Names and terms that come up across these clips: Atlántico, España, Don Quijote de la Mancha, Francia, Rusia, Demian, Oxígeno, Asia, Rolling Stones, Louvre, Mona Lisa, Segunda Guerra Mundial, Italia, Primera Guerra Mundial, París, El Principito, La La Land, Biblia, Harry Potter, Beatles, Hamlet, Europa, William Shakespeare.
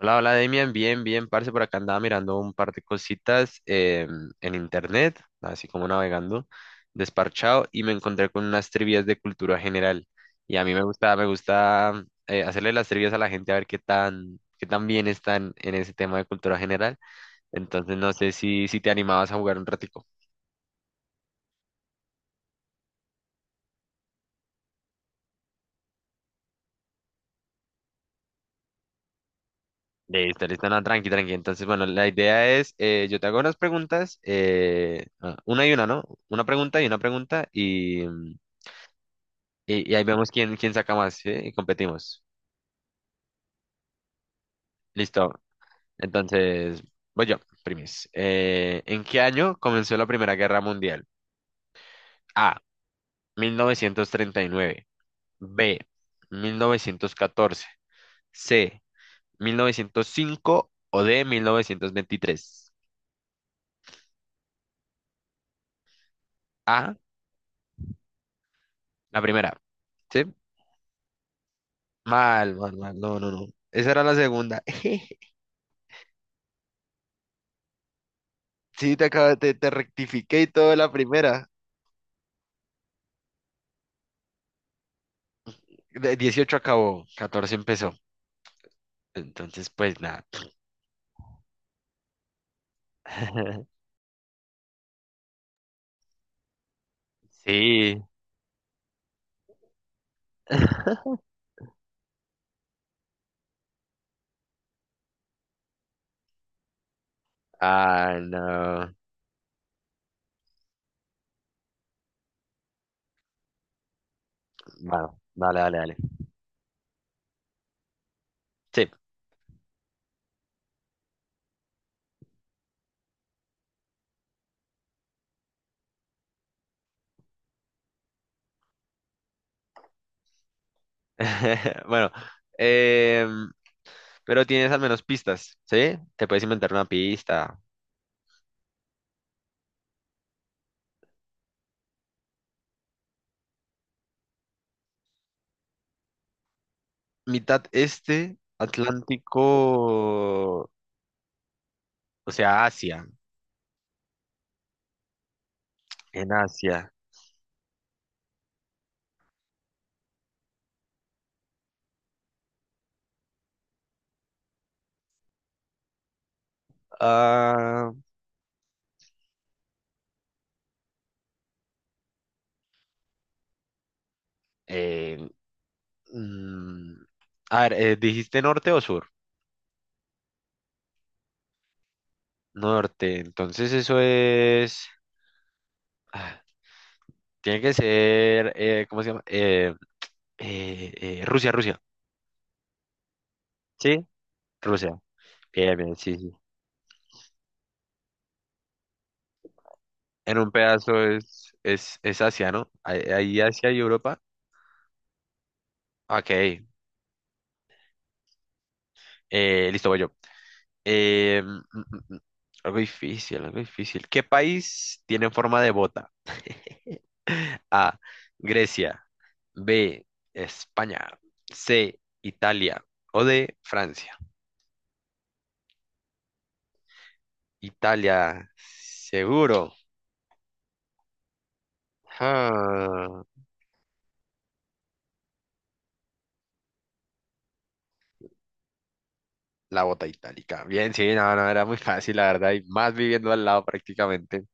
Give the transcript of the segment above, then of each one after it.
Hola, hola Demian, bien, bien, parce, por acá andaba mirando un par de cositas, en internet, así como navegando, desparchado, y me encontré con unas trivias de cultura general. Y a mí me gusta, me gusta, hacerle las trivias a la gente a ver qué tan bien están en ese tema de cultura general. Entonces no sé si te animabas a jugar un ratico. Listo, listo, no, tranqui, tranqui. Entonces, bueno, la idea es: yo te hago unas preguntas, una y una, ¿no? Una pregunta, y... Y ahí vemos quién saca más, ¿sí? Y competimos. Listo. Entonces, voy yo, primis. ¿En qué año comenzó la Primera Guerra Mundial? A. 1939. B. 1914. C. 1905. O D. 1923. A. La primera. ¿Sí? Mal, mal, mal. No, no, no. Esa era la segunda. Sí, te rectifiqué y todo la primera. De 18 acabó, 14 empezó. Entonces, pues nada. Sí. Ah, no. Bueno, dale, dale, dale. Sí. Bueno, em, pero tienes al menos pistas, ¿sí? Te puedes inventar una pista. Mitad este, Atlántico, o sea, Asia, en Asia. Ah, eh, mm, a ver, ¿dijiste norte o sur? Norte, entonces eso es... ah, tiene que ser, ¿cómo se llama? Eh, Rusia, Rusia. ¿Sí? Rusia. Bien, bien, sí, sí. En un pedazo es Asia, ¿no? Ahí Asia y Europa. Ok. Listo, voy yo. Eh, mm, mm, mm, mm. Algo difícil, algo difícil. ¿Qué país tiene forma de bota? A. Grecia. B. España. C. Italia. O D. Francia. Italia, seguro. Ah. La bota itálica. Bien, sí, no, no, era muy fácil, la verdad, y más viviendo al lado prácticamente.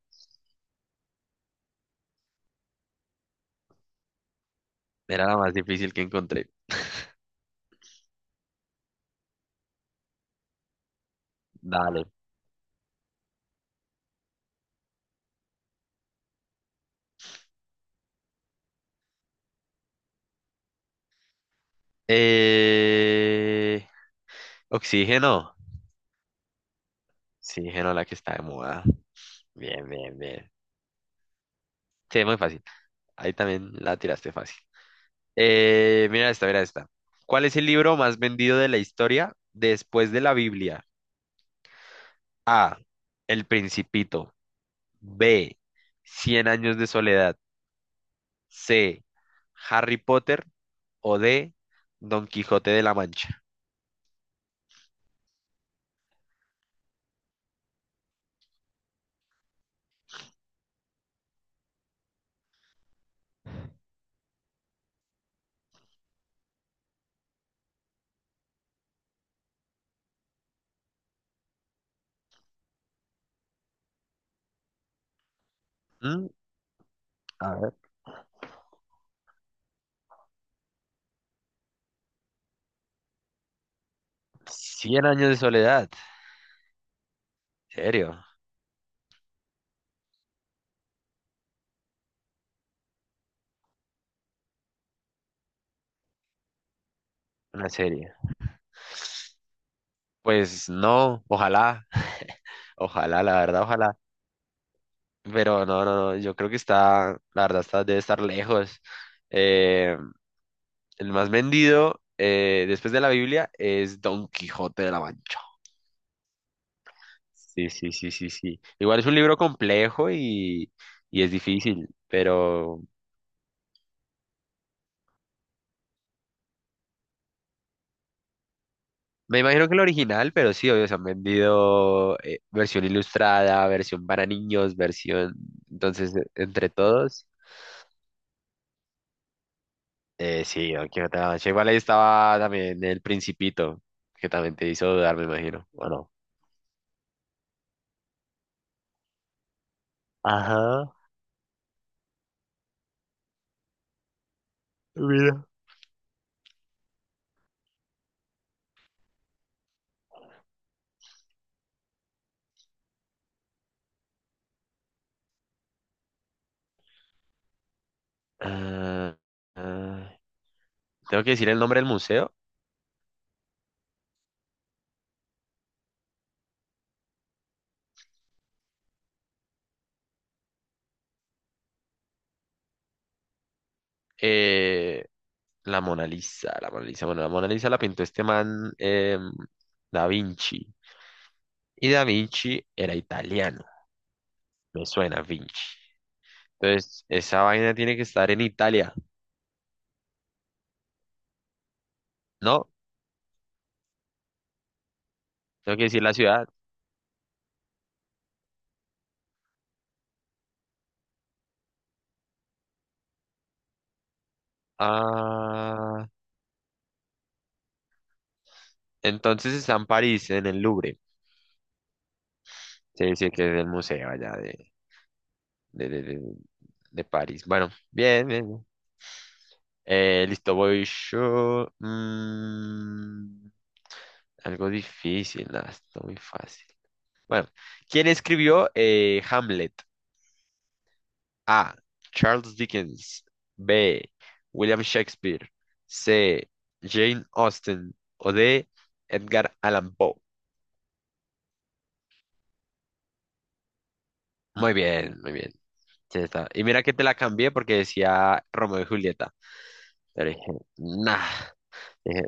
Era la más difícil que encontré. Dale. Eh... Oxígeno. Oxígeno, la que está de moda. Bien, bien, bien. Sí, muy fácil. Ahí también la tiraste fácil. Mira esta, mira esta. ¿Cuál es el libro más vendido de la historia después de la Biblia? A. El Principito. B. Cien años de soledad. C. Harry Potter. O de Don Quijote de la Mancha. ¿Mm? A ver, cien años de soledad, ¿en serio? Una serie. Pues no, ojalá, ojalá, la verdad, ojalá. Pero no, no, no, yo creo que está, la verdad, está, debe estar lejos. Eh, el más vendido, después de la Biblia es Don Quijote de la Mancha. Sí, sí, sí, sí, sí. Igual es un libro complejo y es difícil, pero me imagino que el original, pero sí, obvio, se han vendido, versión ilustrada, versión para niños, versión... Entonces, entre todos, sí, Don Quijote de la Mancha. Igual ahí estaba también El Principito, que también te hizo dudar, me imagino, ¿o no? Ajá, mira. Ah, ah, tengo que decir el nombre del museo. Eh, la Mona Lisa, la Mona Lisa. Bueno, la Mona Lisa la pintó este man, Da Vinci. Y Da Vinci era italiano. Me suena Vinci. Entonces, esa vaina tiene que estar en Italia. No, tengo que decir la ciudad. Ah, entonces está en París, en el Louvre. Se dice que es el museo allá de, de, de, de París. Bueno, bien, bien. Bien. Listo, voy yo. Algo difícil, nada, está muy fácil. Bueno, ¿quién escribió Hamlet? A. Charles Dickens. B. William Shakespeare. C. Jane Austen. O D. Edgar Allan Poe. Muy bien, muy bien. Sí, está. Y mira que te la cambié porque decía Romeo y Julieta. Pero dije, nah. Dije,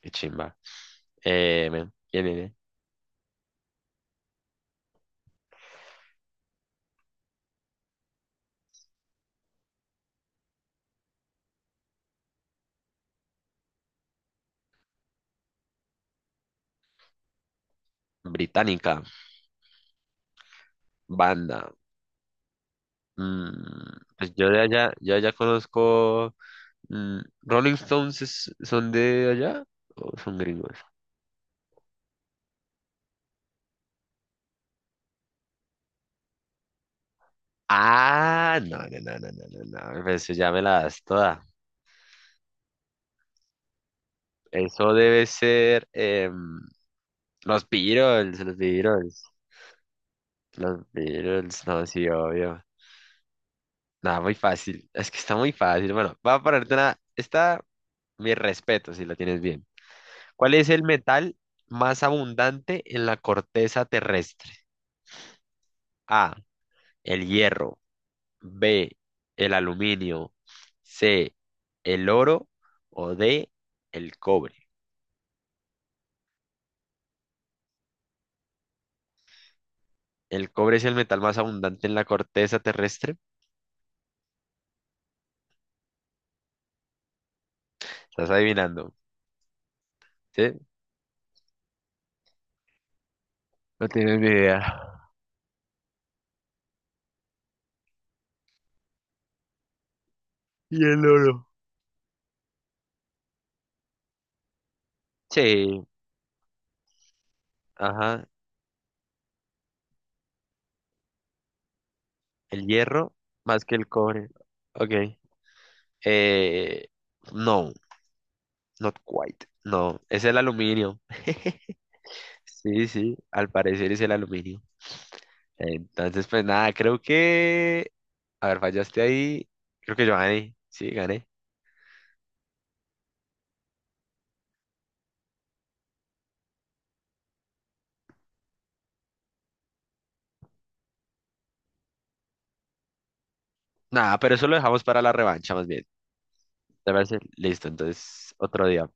qué chimba. Men, ¿quién es? Británica. Banda. Mm, pues yo de allá conozco. mm, Rolling Stones son de allá o son gringos. Ah, no, no, no, no, no, no, no, pues ya me la das toda. Eso debe ser los Beatles, los Beatles, los Beatles, no, sí, obvio. Nada, muy fácil, es que está muy fácil. Bueno, voy a ponerte una, está mi respeto si la tienes bien. ¿Cuál es el metal más abundante en la corteza terrestre? A, el hierro, B, el aluminio, C, el oro o D, el cobre. El cobre es el metal más abundante en la corteza terrestre. Estás adivinando, ¿sí? No tienes ni idea. Y el oro. Sí, ajá. El hierro más que el cobre. Ok. Eh, no, not quite. No, es el aluminio. Sí, sí, al parecer es el aluminio. Entonces, pues nada, creo que... A ver, fallaste ahí. Creo que yo gané. Sí, gané. Nada, pero eso lo dejamos para la revancha más bien. ¿Te parece? Listo, entonces otro día.